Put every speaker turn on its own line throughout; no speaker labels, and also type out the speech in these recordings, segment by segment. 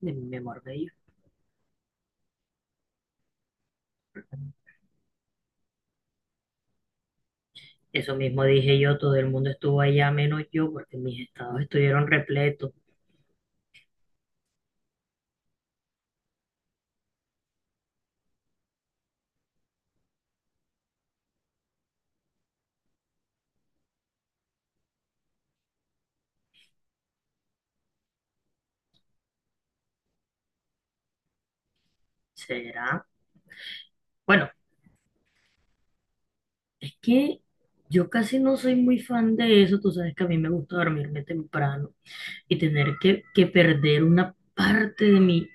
De mi Marbella. Eso mismo dije yo, todo el mundo estuvo allá menos yo porque mis estados estuvieron repletos. ¿Será? Bueno, es que yo casi no soy muy fan de eso, tú sabes que a mí me gusta dormirme temprano y tener que perder una parte de mi.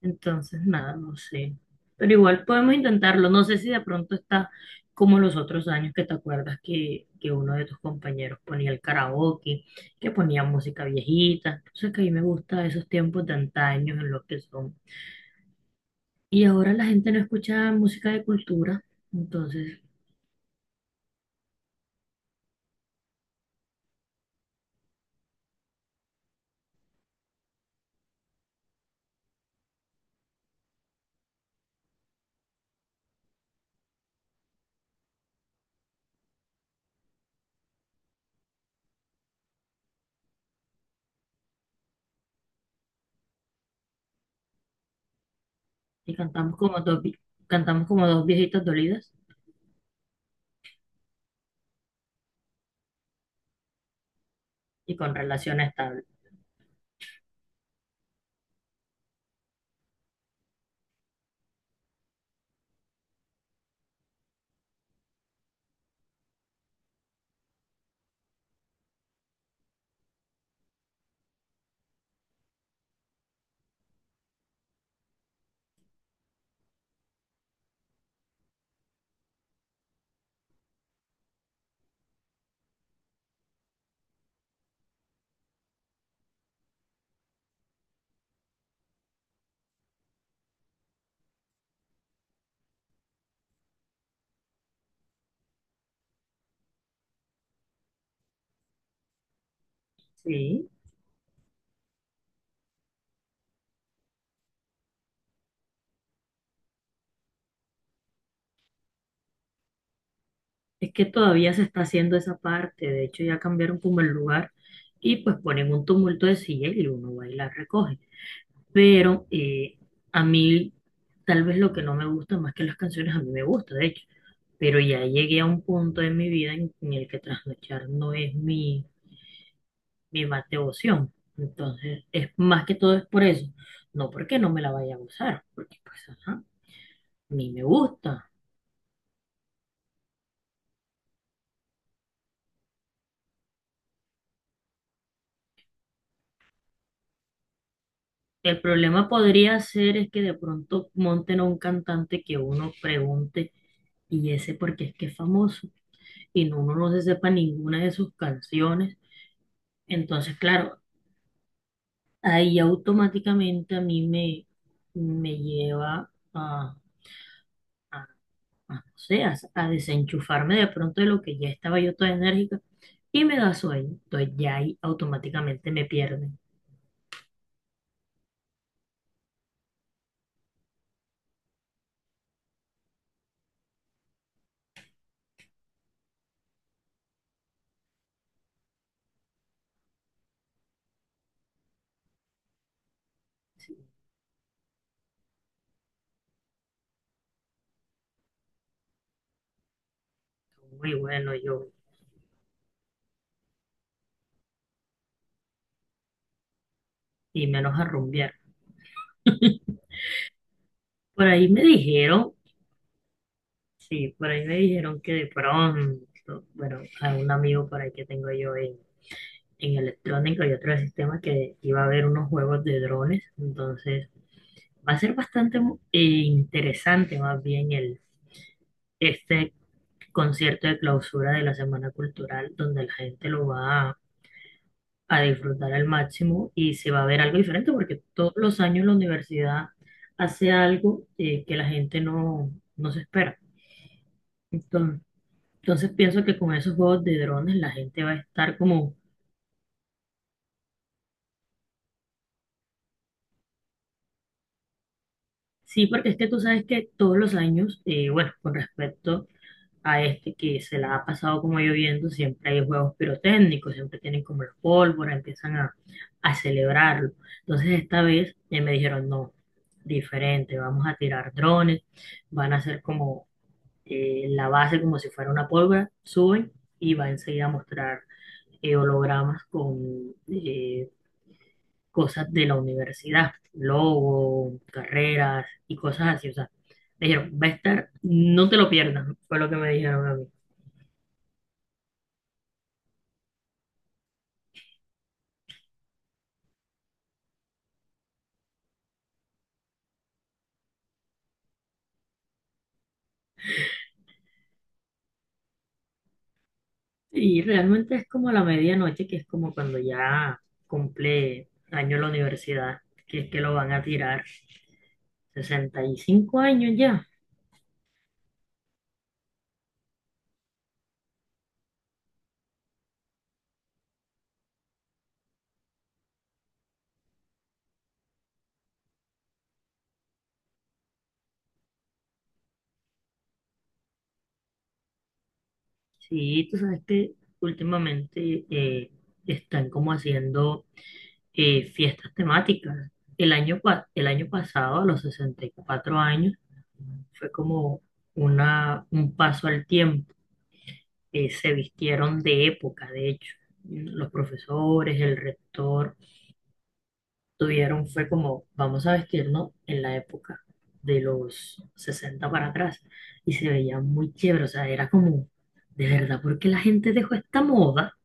Entonces, nada, no sé. Pero igual podemos intentarlo. No sé si de pronto está como los otros años, que te acuerdas que uno de tus compañeros ponía el karaoke, que ponía música viejita. Entonces, que a mí me gusta esos tiempos de antaño en los que son. Y ahora la gente no escucha música de cultura. Entonces, y cantamos como dos viejitas dolidas y con relación estable. Sí. Es que todavía se está haciendo esa parte, de hecho ya cambiaron como el lugar y pues ponen un tumulto de silla y uno va y la recoge. Pero a mí tal vez lo que no me gusta más que las canciones, a mí me gusta de hecho, pero ya llegué a un punto en mi vida, en el que trasnochar no es mi, mi más devoción. Entonces es más que todo es por eso, no porque no me la vaya a gozar, porque pues ajá, a mí me gusta. El problema podría ser es que de pronto monten a un cantante que uno pregunte, y ese porque es que es famoso y uno no se sepa ninguna de sus canciones. Entonces, claro, ahí automáticamente a me lleva a, no sé, a desenchufarme de pronto de lo que ya estaba yo toda enérgica y me da sueño. Entonces ya ahí automáticamente me pierden. Sí, muy bueno yo, y menos a rumbear. Por ahí me dijeron. Sí, por ahí me dijeron que de pronto, bueno, a un amigo por ahí que tengo yo en electrónica y otro sistema, que iba a haber unos juegos de drones. Entonces va a ser bastante interesante más bien el, este concierto de clausura de la Semana Cultural, donde la gente lo va a disfrutar al máximo y se va a ver algo diferente, porque todos los años la universidad hace algo, que la gente no se espera. Entonces pienso que con esos juegos de drones la gente va a estar como, sí, porque es que tú sabes que todos los años, bueno, con respecto a este que se la ha pasado como lloviendo, siempre hay juegos pirotécnicos, siempre tienen como la pólvora, empiezan a celebrarlo. Entonces esta vez me dijeron, no, diferente, vamos a tirar drones, van a hacer como la base como si fuera una pólvora, suben y va enseguida a mostrar hologramas con eh, cosas de la universidad, logo, carreras y cosas así. O sea, me dijeron, va a estar, no te lo pierdas, fue lo que me dijeron a mí. Y realmente es como a la medianoche, que es como cuando ya cumple año la universidad, que es que lo van a tirar, 65 años ya. Sí, tú sabes que últimamente están como haciendo fiestas temáticas. El año, el año pasado, a los 64 años, fue como un paso al tiempo. Se vistieron de época, de hecho. Los profesores, el rector, tuvieron, fue como, vamos a vestirnos en la época de los 60 para atrás. Y se veía muy chévere, o sea, era como, ¿de verdad por qué la gente dejó esta moda?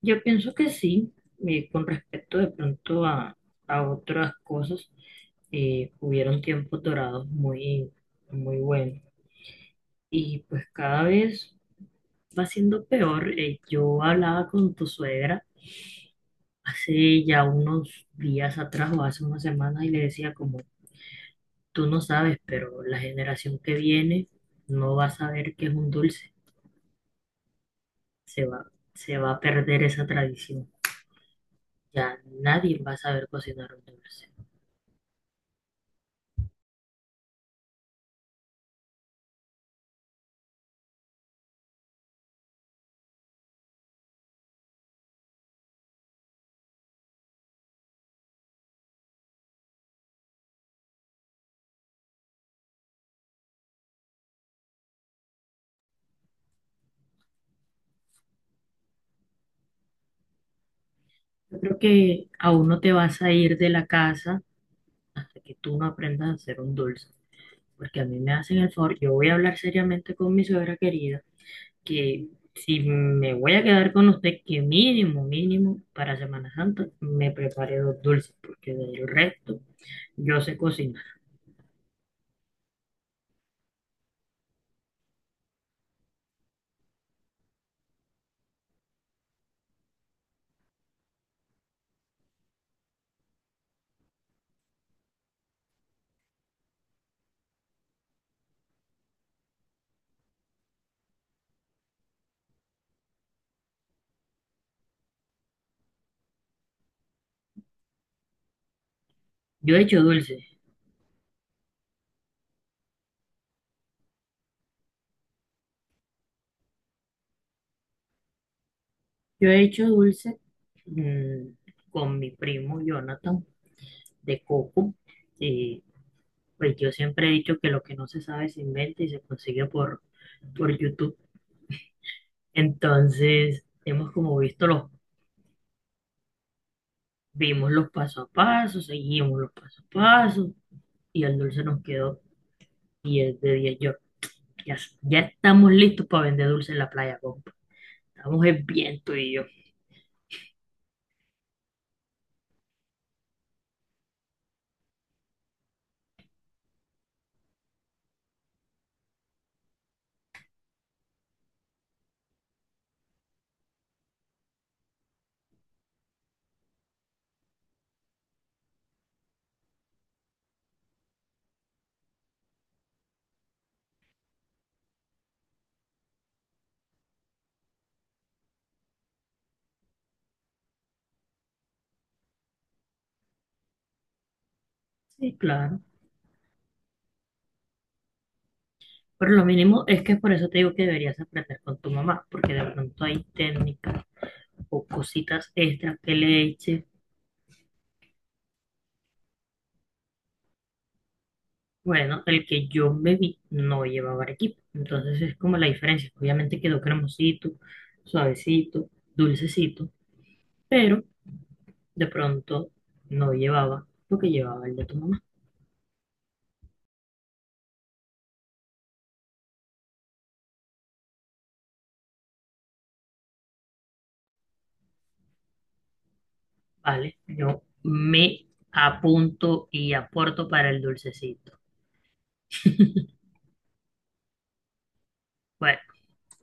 Yo pienso que sí, con respecto de pronto a otras cosas, hubieron tiempos dorados muy, muy buenos, y pues cada vez va siendo peor. Yo hablaba con tu suegra hace ya unos días atrás, o hace unas semanas, y le decía como, tú no sabes, pero la generación que viene no va a saber qué es un dulce. Se va, se va a perder esa tradición. Ya nadie va a saber cocinar un dulce. Yo creo que aún no te vas a ir de la casa hasta que tú no aprendas a hacer un dulce. Porque a mí me hacen el favor, yo voy a hablar seriamente con mi suegra querida, que si me voy a quedar con usted, que mínimo, mínimo, para Semana Santa me prepare dos dulces, porque del resto yo sé cocinar. Yo he hecho dulces, yo he hecho dulces mm, con mi primo Jonathan, de coco, y pues yo siempre he dicho que lo que no se sabe se inventa y se consigue por, YouTube. Entonces, hemos como visto los, vimos los paso a paso, seguimos los paso a paso, y el dulce nos quedó 10 de diez. Ya estamos listos para vender dulce en la playa, compa. Estamos en viento y yo. Sí, claro. Pero lo mínimo es que, por eso te digo que deberías aprender con tu mamá, porque de pronto hay técnicas o cositas extras que le eche. Bueno, el que yo me vi no llevaba equipo. Entonces es como la diferencia. Obviamente quedó cremosito, suavecito, dulcecito, pero de pronto no llevaba lo que llevaba el de tu mamá. Vale, yo me apunto y aporto para el dulcecito. Bueno.